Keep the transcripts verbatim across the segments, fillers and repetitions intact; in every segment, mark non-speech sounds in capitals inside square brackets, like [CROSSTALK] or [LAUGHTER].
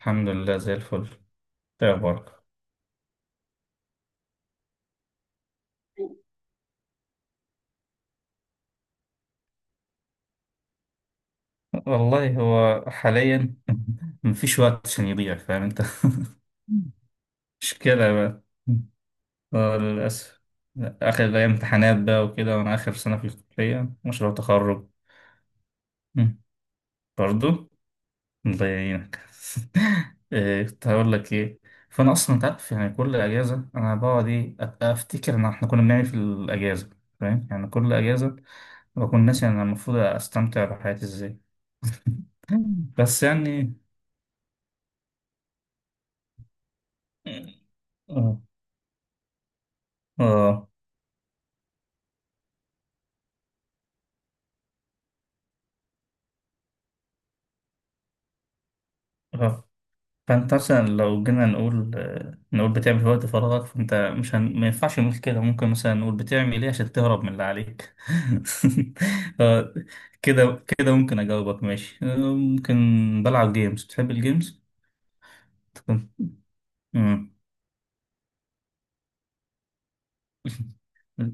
الحمد لله زي الفل. ايه اخبارك؟ والله هو حاليا [LAUGHS] مفيش وقت عشان يضيع، فاهم انت؟ [LAUGHS] مشكلة بقى. آه، للأسف. آخر الأيام امتحانات بقى وكده، وأنا آخر سنة في الكلية، مشروع تخرج. مم. برضو. الله يعينك. [LAUGHS] إيه، كنت هقول لك إيه. فأنا أصلا أنت عارف يعني كل أجازة أنا بقعد إيه؟ أبقى أفتكر إن إحنا كنا بنعمل إيه في الأجازة. فاهم؟ يعني كل أجازة بكون ناسي أنا المفروض أستمتع بحياتي إزاي. [LAUGHS] بس يعني آه آه آه. فأنت مثلا لو جينا نقول آه، نقول بتعمل في وقت فراغك، فأنت مش هن... ما ينفعش نقول كده. ممكن مثلا نقول بتعمل إيه عشان تهرب من اللي عليك. [LAUGHS] آه، كده كده ممكن أجاوبك، ماشي آه، ممكن. بلعب جيمز. بتحب الجيمز؟ مم. [LAUGHS]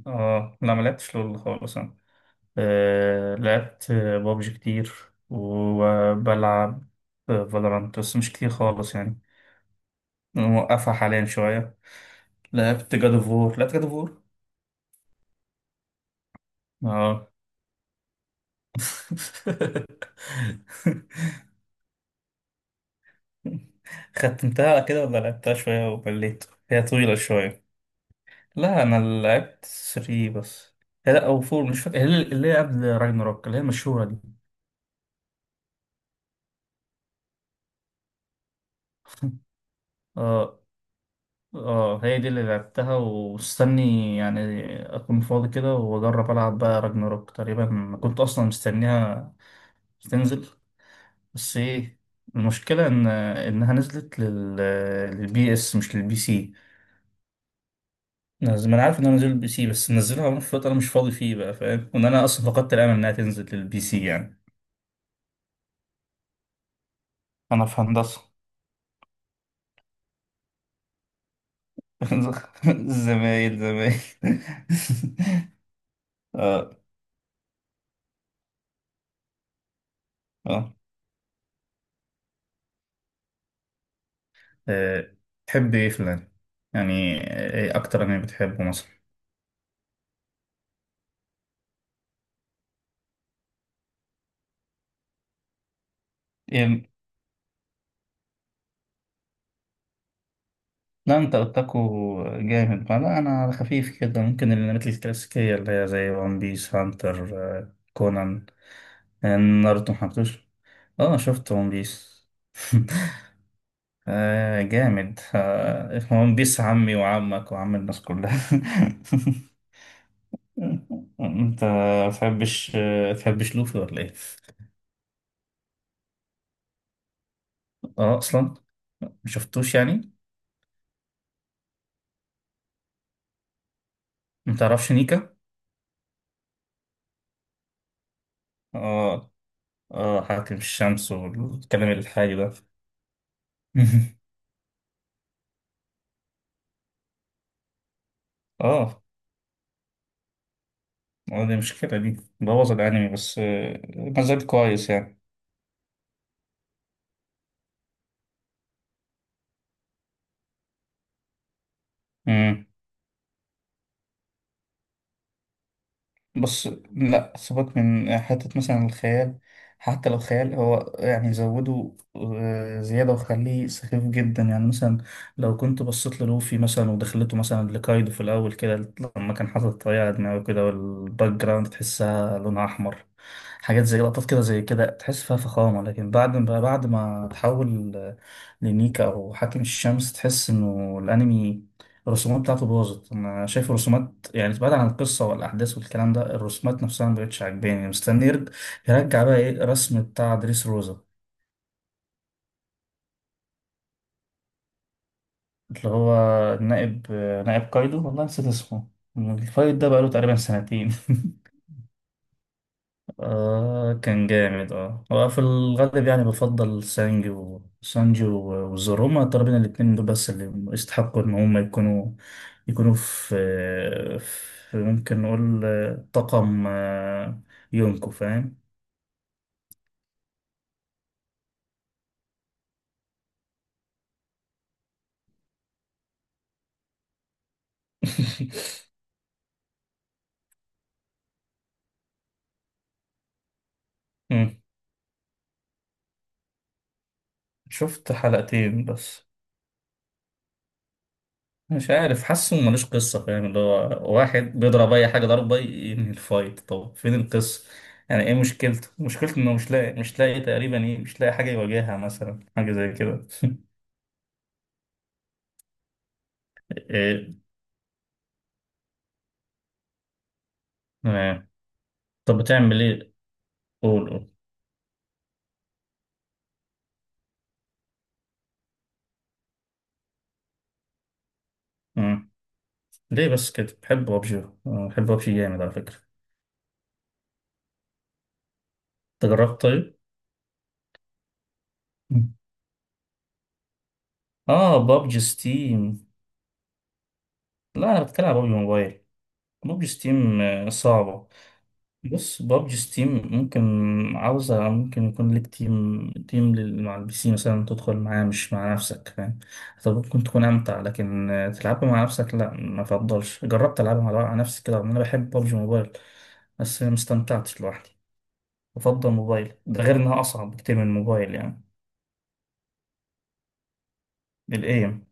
آه، لا ما لعبتش لول خالص. آه، لعبت بابجي كتير، وبلعب فالورانت بس مش كتير خالص يعني. موقفها حاليا شوية. لعبت جاد اوف وور لعبت جاد اوف وور. اه. [LAUGHS] ختمتها كده ولا لعبتها شوية وبليت؟ هي طويلة شوية. لا أنا لعبت تلاتة بس. هي لا، أو أربعة، مش فاكر، هي اللي اللي هي قبل راجناروك، اللي هي المشهورة دي. [LAUGHS] اه اه. هي دي اللي لعبتها، ومستني يعني اكون فاضي كده واجرب العب بقى راجناروك. تقريبا كنت اصلا مستنيها تنزل، بس ايه، المشكله ان انها نزلت لل... للبي اس مش للبي سي. نز- ما انا عارف انها نزلت للبي سي، بس منزلها وانا في وقت انا مش فاضي فيه بقى، فاهم؟ وان انا اصلا فقدت الامل انها تنزل للبي سي يعني. انا في هندسه. [LAUGHS] زمايل زمايل. [LAUGHS] اه اه. آه، تحب ايه في الانمي يعني؟ ايه اكتر انمي بتحبه مثلا؟ يعني لا انت اوتاكو جامد، ما لا انا على خفيف كده، ممكن الانميات الكلاسيكيه اللي هي زي ون بيس، هانتر، آه، كونان، آه، ناروتو محبتوش. اه شفت ون بيس. [LAUGHS] آه جامد، آه ون بيس عمي وعمك وعم الناس كلها. [LAUGHS] انت ما تحبش ما تحبش لوفي ولا ايه؟ اه اصلا ما شفتوش يعني. ما تعرفش نيكا. اه اه، حاتم الشمس والكلام الحالي ده. [LAUGHS] اه، آه، دي مشكلة، دي بوظ الانمي بس آه، ما زال كويس يعني. امم. بس لا، سيبك من حتة مثلا الخيال. حتى لو خيال، هو يعني زوده آه، زيادة وخليه سخيف جدا يعني. مثلا لو كنت بصيت للوفي مثلا ودخلته مثلا لكايدو في الأول كده، لما كان حاطط الطريقة على دماغه كده والباك جراوند تحسها لونها أحمر، حاجات زي لقطات كده، زي كده تحس فيها فخامة. لكن بعد ما بعد ما تحول لنيكا أو حاكم الشمس، تحس إنه الأنمي الرسومات بتاعته باظت. أنا شايف الرسومات يعني، بعيد عن القصة والأحداث والكلام ده، الرسومات نفسها مبقتش عاجباني. مستني يرج- يرجع بقى إيه الرسم بتاع دريس روزا. اللي هو نائب نائب كايدو، والله نسيت اسمه. الفايت ده بقاله تقريبا سنتين. [LAUGHS] آه كان جامد اه، وفي الغالب يعني بفضل سانجي، وسانجي و- وزورو، هما تقريبا الاتنين دول بس اللي يستحقوا ان هما يكونوا، يكونوا في، في ممكن نقول آه، طاقم آه، يونكو، فاهم. [LAUGHS] مم. شفت حلقتين بس. مش عارف، حاسه ملوش قصة، فاهم؟ اللي هو واحد بيضرب أي حاجة ضربة ينهي الفايت، طب فين القصة؟ يعني إيه مشكلته؟ مشكلته إنه مش لاقي مش لاقي تقريبا إيه، مش لاقي حاجة يواجهها مثلا، حاجة زي كده. [LAUGHS] إيه؟ تمام. طب بتعمل إيه؟ قول قول. مم. ليه بس كده؟ بحب بابجي. آه، بحب بابجي جامد على فكرة. أنت جربت طيب؟ مم. آه بابجي ستيم. لا أنا بتكلم على بابجي موبايل. بابجي ستيم آه، صعبة. بص بابجي ستيم ممكن عاوزة، ممكن يكون ليك تيم تيم لل- مع البي سي مثلا، تدخل معاه مش مع نفسك، فاهم؟ طب ممكن تكون أمتع، لكن آه، تلعبها مع نفسك لا ما فضلش. جربت ألعبها مع مع نفسي كده، رغم إن أنا بحب بابجي موبايل، بس ما استمتعتش لوحدي. بفضل موبايل ده، غير إنها أصعب بكتير من الموبايل يعني، الإيم.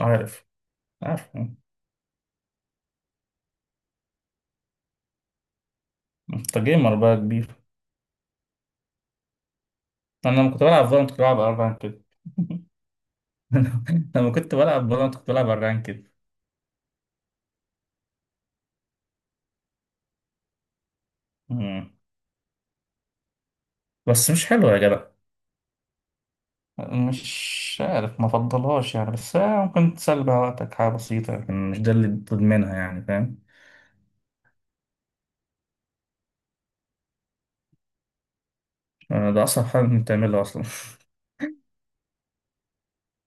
عارف عارف. أنت جيمر بقى كبير. أنا لما كنت بلعب فالنت كنت بلعب أربعة كده. [LAUGHS] لما كنت بلعب فالنت كنت بلعب أربعة كده. بس مش حلوة يا جدع. مش عارف ما فضلهاش يعني. بس هي ممكن تسلي بيها وقتك، حاجة بسيطة يعني، مش ده اللي تضمنها يعني، فاهم؟ آه، ده أصعب حاجة ممكن تعملها أصلا.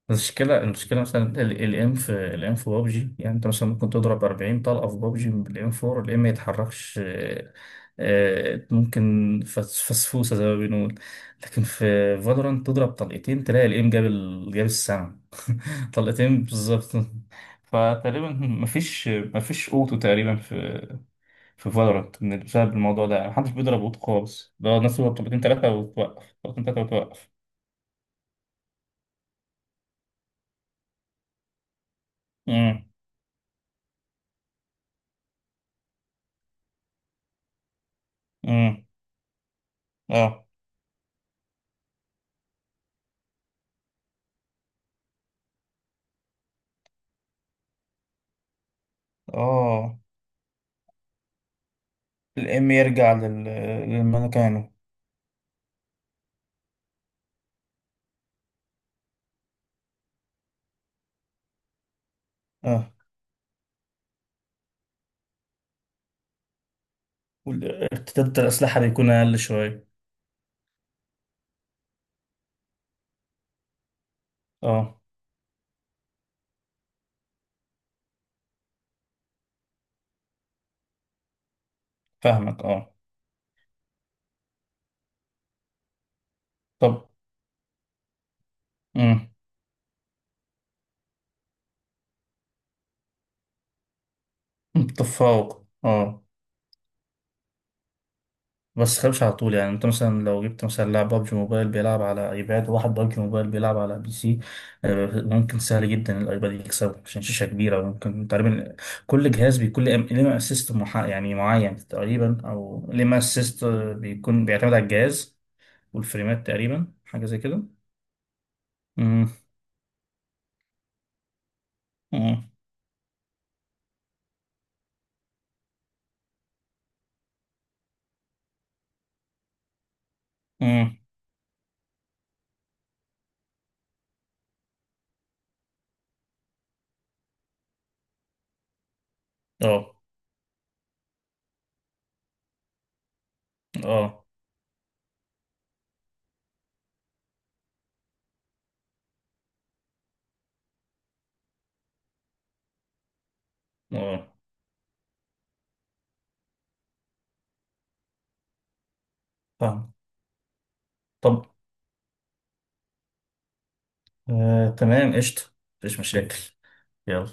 المشكلة المشكلة مثلا الام، في الام في بابجي، يعني انت مثلا ممكن تضرب 40 طلقة في بابجي بالام فور، الام ما يتحركش آه، آه، ممكن فس- فسفوسة زي ما بنقول. لكن في فالورانت تضرب طلقتين، تلاقي الام جاب ال... جاب السما. [LAUGHS] طلقتين بالظبط. فتقريبا مفيش مفيش اوتو تقريبا في في فالورانت، بسبب الموضوع ده. يعني محدش بيضرب اوتو خالص ده، الناس تضرب طلقتين ثلاثة وتوقف، طلقتين ثلاثة وتوقف. امم. امم. اه اه. الام يرجع لل... للمكانه. اه. والارتداد الأسلحة بيكون أقل شوية. اه. فاهمك اه. طب. امم. [LAUGHS] تفوق اه. بس خمسة على طول يعني. انت مثلا لو جبت مثلا لاعب بابجي موبايل بيلعب على ايباد، وواحد بابجي موبايل بيلعب على بي سي، آه، ممكن سهل جدا الايباد يكسبه عشان شاشة كبيرة. ممكن تقريبا كل جهاز بيكون ليه ليه اسيست محا... يعني معين تقريبا، او ليه اسيست بيكون، بيعتمد على الجهاز. والفريمات تقريبا، حاجة زي كده. امم. امم. اه اه اه. فاهم. طب آه تمام قشطة، مفيش مشاكل. يلا.